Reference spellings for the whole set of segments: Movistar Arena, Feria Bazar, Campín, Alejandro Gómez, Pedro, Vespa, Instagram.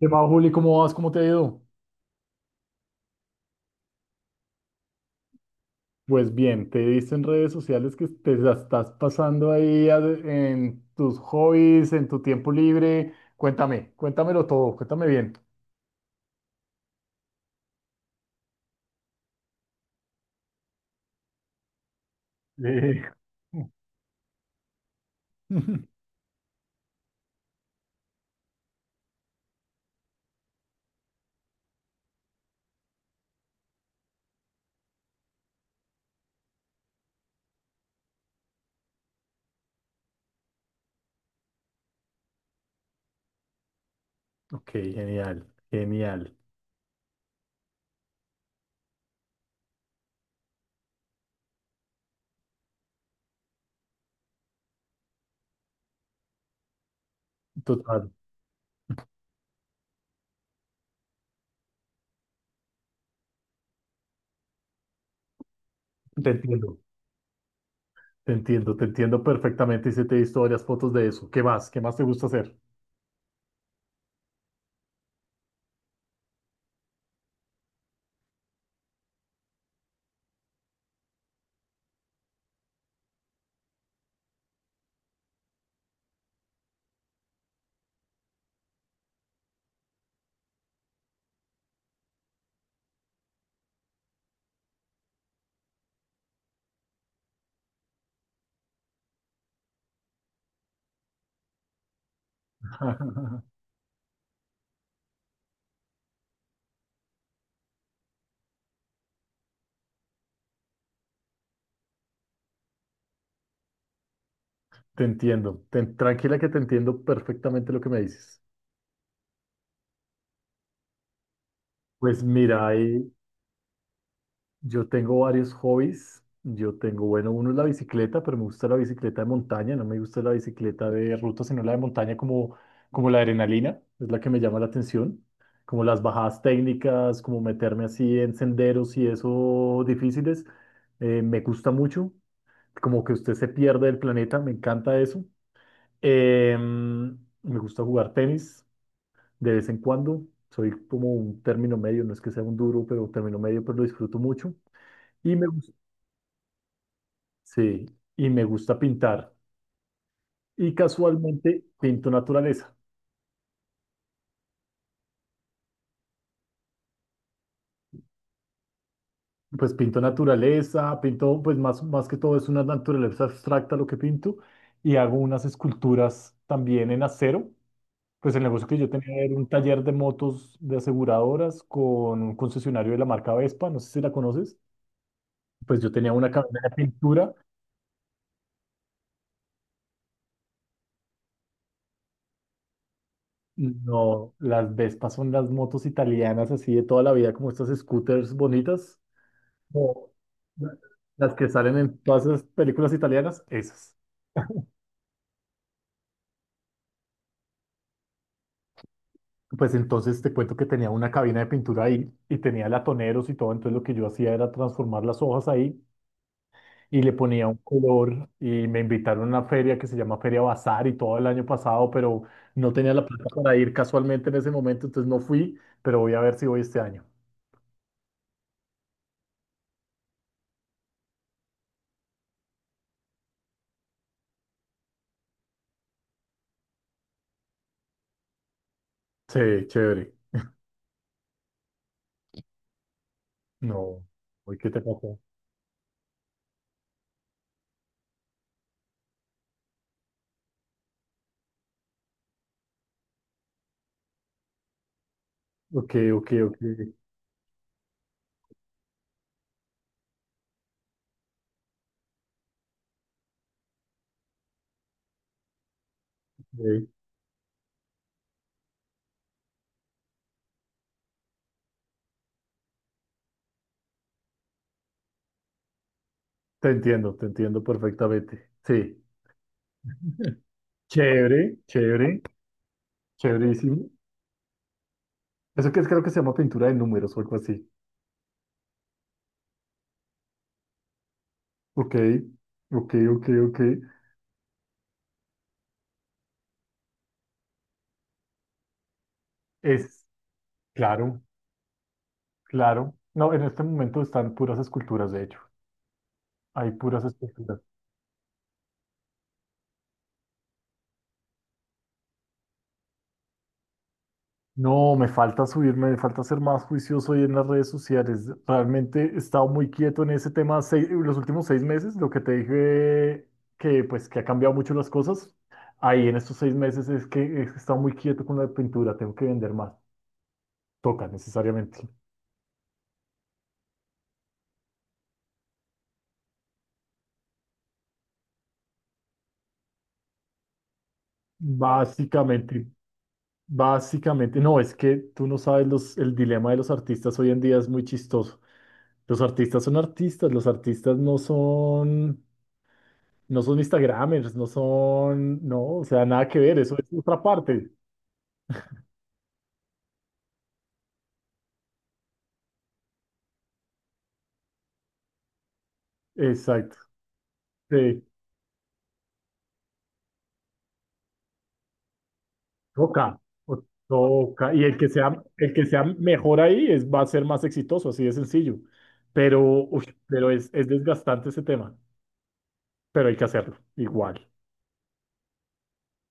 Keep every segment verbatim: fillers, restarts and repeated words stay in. ¿Qué más, Juli? ¿Cómo vas? ¿Cómo te ha ido? Pues bien, te dicen en redes sociales que te la estás pasando ahí a- en tus hobbies, en tu tiempo libre. Cuéntame, cuéntamelo todo, cuéntame bien. Eh, Ok, genial, genial. Total, te entiendo, te entiendo, te entiendo perfectamente. Hiciste historias, fotos de eso. ¿Qué más? ¿Qué más te gusta hacer? Te entiendo, te- tranquila que te entiendo perfectamente lo que me dices. Pues mira, hay, Yo tengo varios hobbies. Yo tengo, bueno, uno es la bicicleta, pero me gusta la bicicleta de montaña. No me gusta la bicicleta de ruta, sino la de montaña como, como la adrenalina. Es la que me llama la atención. Como las bajadas técnicas, como meterme así en senderos y eso difíciles. Eh, me gusta mucho. Como que usted se pierde del planeta. Me encanta eso. Em, Me gusta jugar tenis de vez en cuando. Soy como un término medio. No es que sea un duro, pero término medio, pero lo disfruto mucho. Y me gusta Sí, y me gusta pintar. Y casualmente pinto naturaleza. Pues pinto naturaleza, pinto, pues más, más que todo es una naturaleza abstracta lo que pinto y hago unas esculturas también en acero. Pues el negocio que yo tenía era un taller de motos de aseguradoras con un concesionario de la marca Vespa, no sé si la conoces. Pues yo tenía una cabina de pintura. No, las Vespas son las motos italianas así de toda la vida, como estas scooters bonitas. o la- las que salen en todas esas películas italianas, esas. Pues entonces te cuento que tenía una cabina de pintura ahí y tenía latoneros y todo, entonces lo que yo hacía era transformar las hojas ahí y le ponía un color y me invitaron a una feria que se llama Feria Bazar y todo el año pasado, pero no tenía la plata para ir casualmente en ese momento, entonces no fui, pero voy a ver si voy este año. Sí, chévere. No, uy, ¿qué te pasó? Ok, ok, ok. Ok. Te entiendo, te entiendo perfectamente. Sí. Chévere, chévere, chéverísimo. Eso que es, creo que se llama pintura de números o algo así. Ok, ok, ok, ok. Es, claro, claro. No, en este momento están puras esculturas, de hecho. Hay puras esculturas. No, me falta subirme, me falta ser más juicioso hoy en las redes sociales. Realmente he estado muy quieto en ese tema seis- los últimos seis meses. Lo que te dije que, pues, que ha cambiado mucho las cosas. Ahí en estos seis meses es que he estado muy quieto con la pintura. Tengo que vender más. Toca necesariamente. Básicamente, básicamente, no, es que tú no sabes los, el dilema de los artistas hoy en día es muy chistoso. Los artistas son artistas, los artistas no son, no son Instagramers, no son, no, o sea, nada que ver, eso es otra parte. Exacto, sí, toca, o- toca, y el que sea, el que sea mejor ahí es, va a ser más exitoso, así de sencillo. Pero, uy, pero es, es desgastante ese tema, pero hay que hacerlo, igual.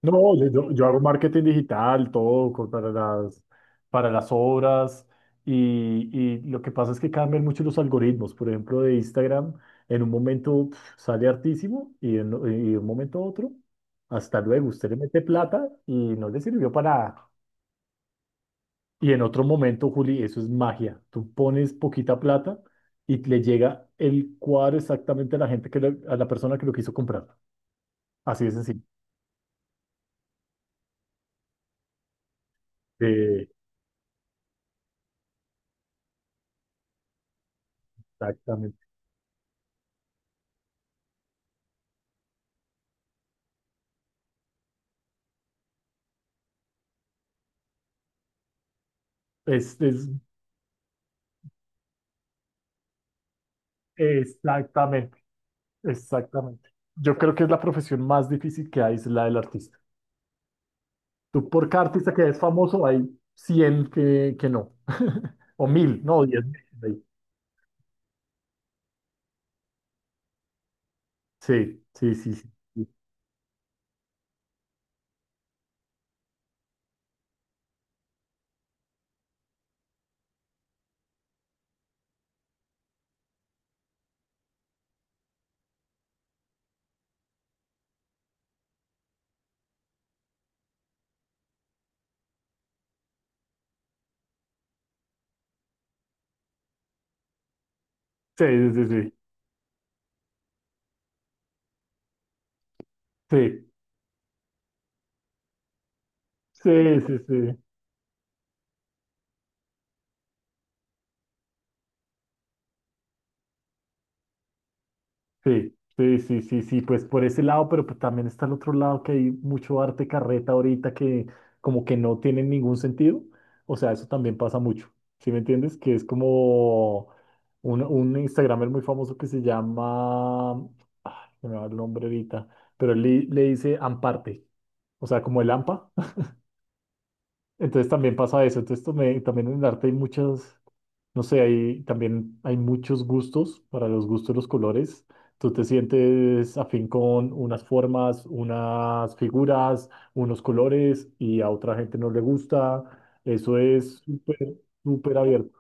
No, yo, yo- yo hago marketing digital, todo co- para las, para las obras y, y lo que pasa es que cambian mucho los algoritmos. Por ejemplo, de Instagram, en un momento pf, sale hartísimo y, en, y de un momento a otro, hasta luego, usted le mete plata y no le sirvió para nada. Y en otro momento, Juli, eso es magia. Tú pones poquita plata y le llega el cuadro exactamente a la gente que lo- a la persona que lo quiso comprar. Así de sencillo. Eh, Exactamente. Es es Exactamente, exactamente. Yo creo que es la profesión más difícil que hay, es la del artista. Tú por cada artista que es famoso hay cien que, que no, o mil, no, diez mil. Sí, sí, sí, sí. Sí, sí, sí, sí. Sí, sí, sí, sí, sí, sí, sí, sí, sí, pues por ese lado, pero pues también está el otro lado que hay mucho arte carreta ahorita que como que no tiene ningún sentido. O sea, eso también pasa mucho. ¿Sí me entiendes? Que es como un, un Instagramer muy famoso que se llama, se me va el nombre ahorita, pero él le, le dice Amparte, o sea, como el AMPA. Entonces también pasa eso. Entonces tome- también en el arte hay muchas. No sé, hay, también hay muchos gustos para los gustos de los colores. Tú te sientes afín con unas formas, unas figuras, unos colores y a otra gente no le gusta. Eso es súper, súper abierto.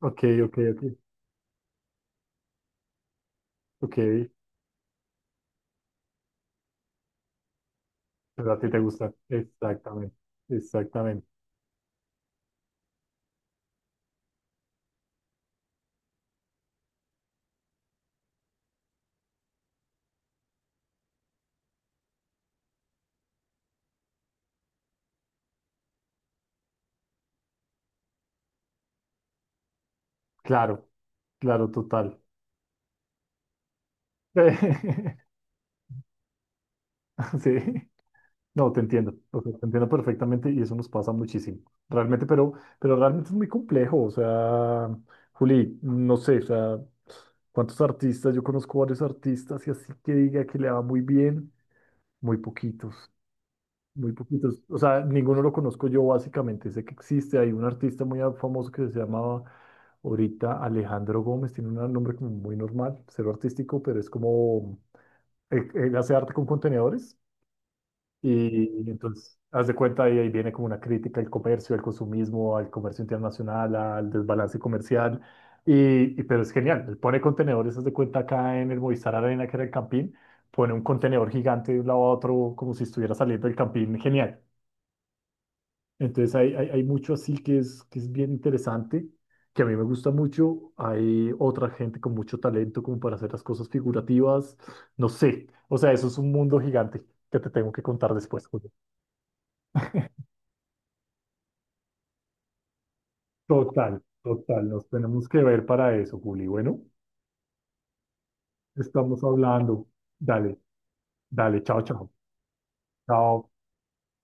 Ok, ok, ok. Ok, pero a ti te gusta. Exactamente, exactamente. Claro, claro, total. Sí. No, te entiendo, o sea, te entiendo perfectamente y eso nos pasa muchísimo, realmente, pero, pero realmente es muy complejo, o sea, Juli, no sé, o sea, ¿cuántos artistas? Yo conozco varios artistas y así que diga que le va muy bien, muy poquitos, muy poquitos, o sea, ninguno lo conozco yo básicamente, sé que existe, hay un artista muy famoso que se llamaba ahorita Alejandro Gómez, tiene un nombre como muy normal, cero artístico, pero es como, él él hace arte con contenedores. Y entonces, haz de cuenta, ahí, ahí viene como una crítica al comercio, al consumismo, al comercio internacional, al desbalance comercial. Y, y- pero es genial, él pone contenedores, haz de cuenta, acá en el Movistar Arena, que era el Campín, pone un contenedor gigante de un lado a otro, como si estuviera saliendo del Campín, genial. Entonces, hay, hay, hay mucho así que es, que es bien interesante, que a mí me gusta mucho. Hay otra gente con mucho talento como para hacer las cosas figurativas, no sé. O sea, eso es un mundo gigante que te tengo que contar después. Total, total, nos tenemos que ver para eso, Juli. Bueno, estamos hablando. Dale, dale, chao, chao. Chao.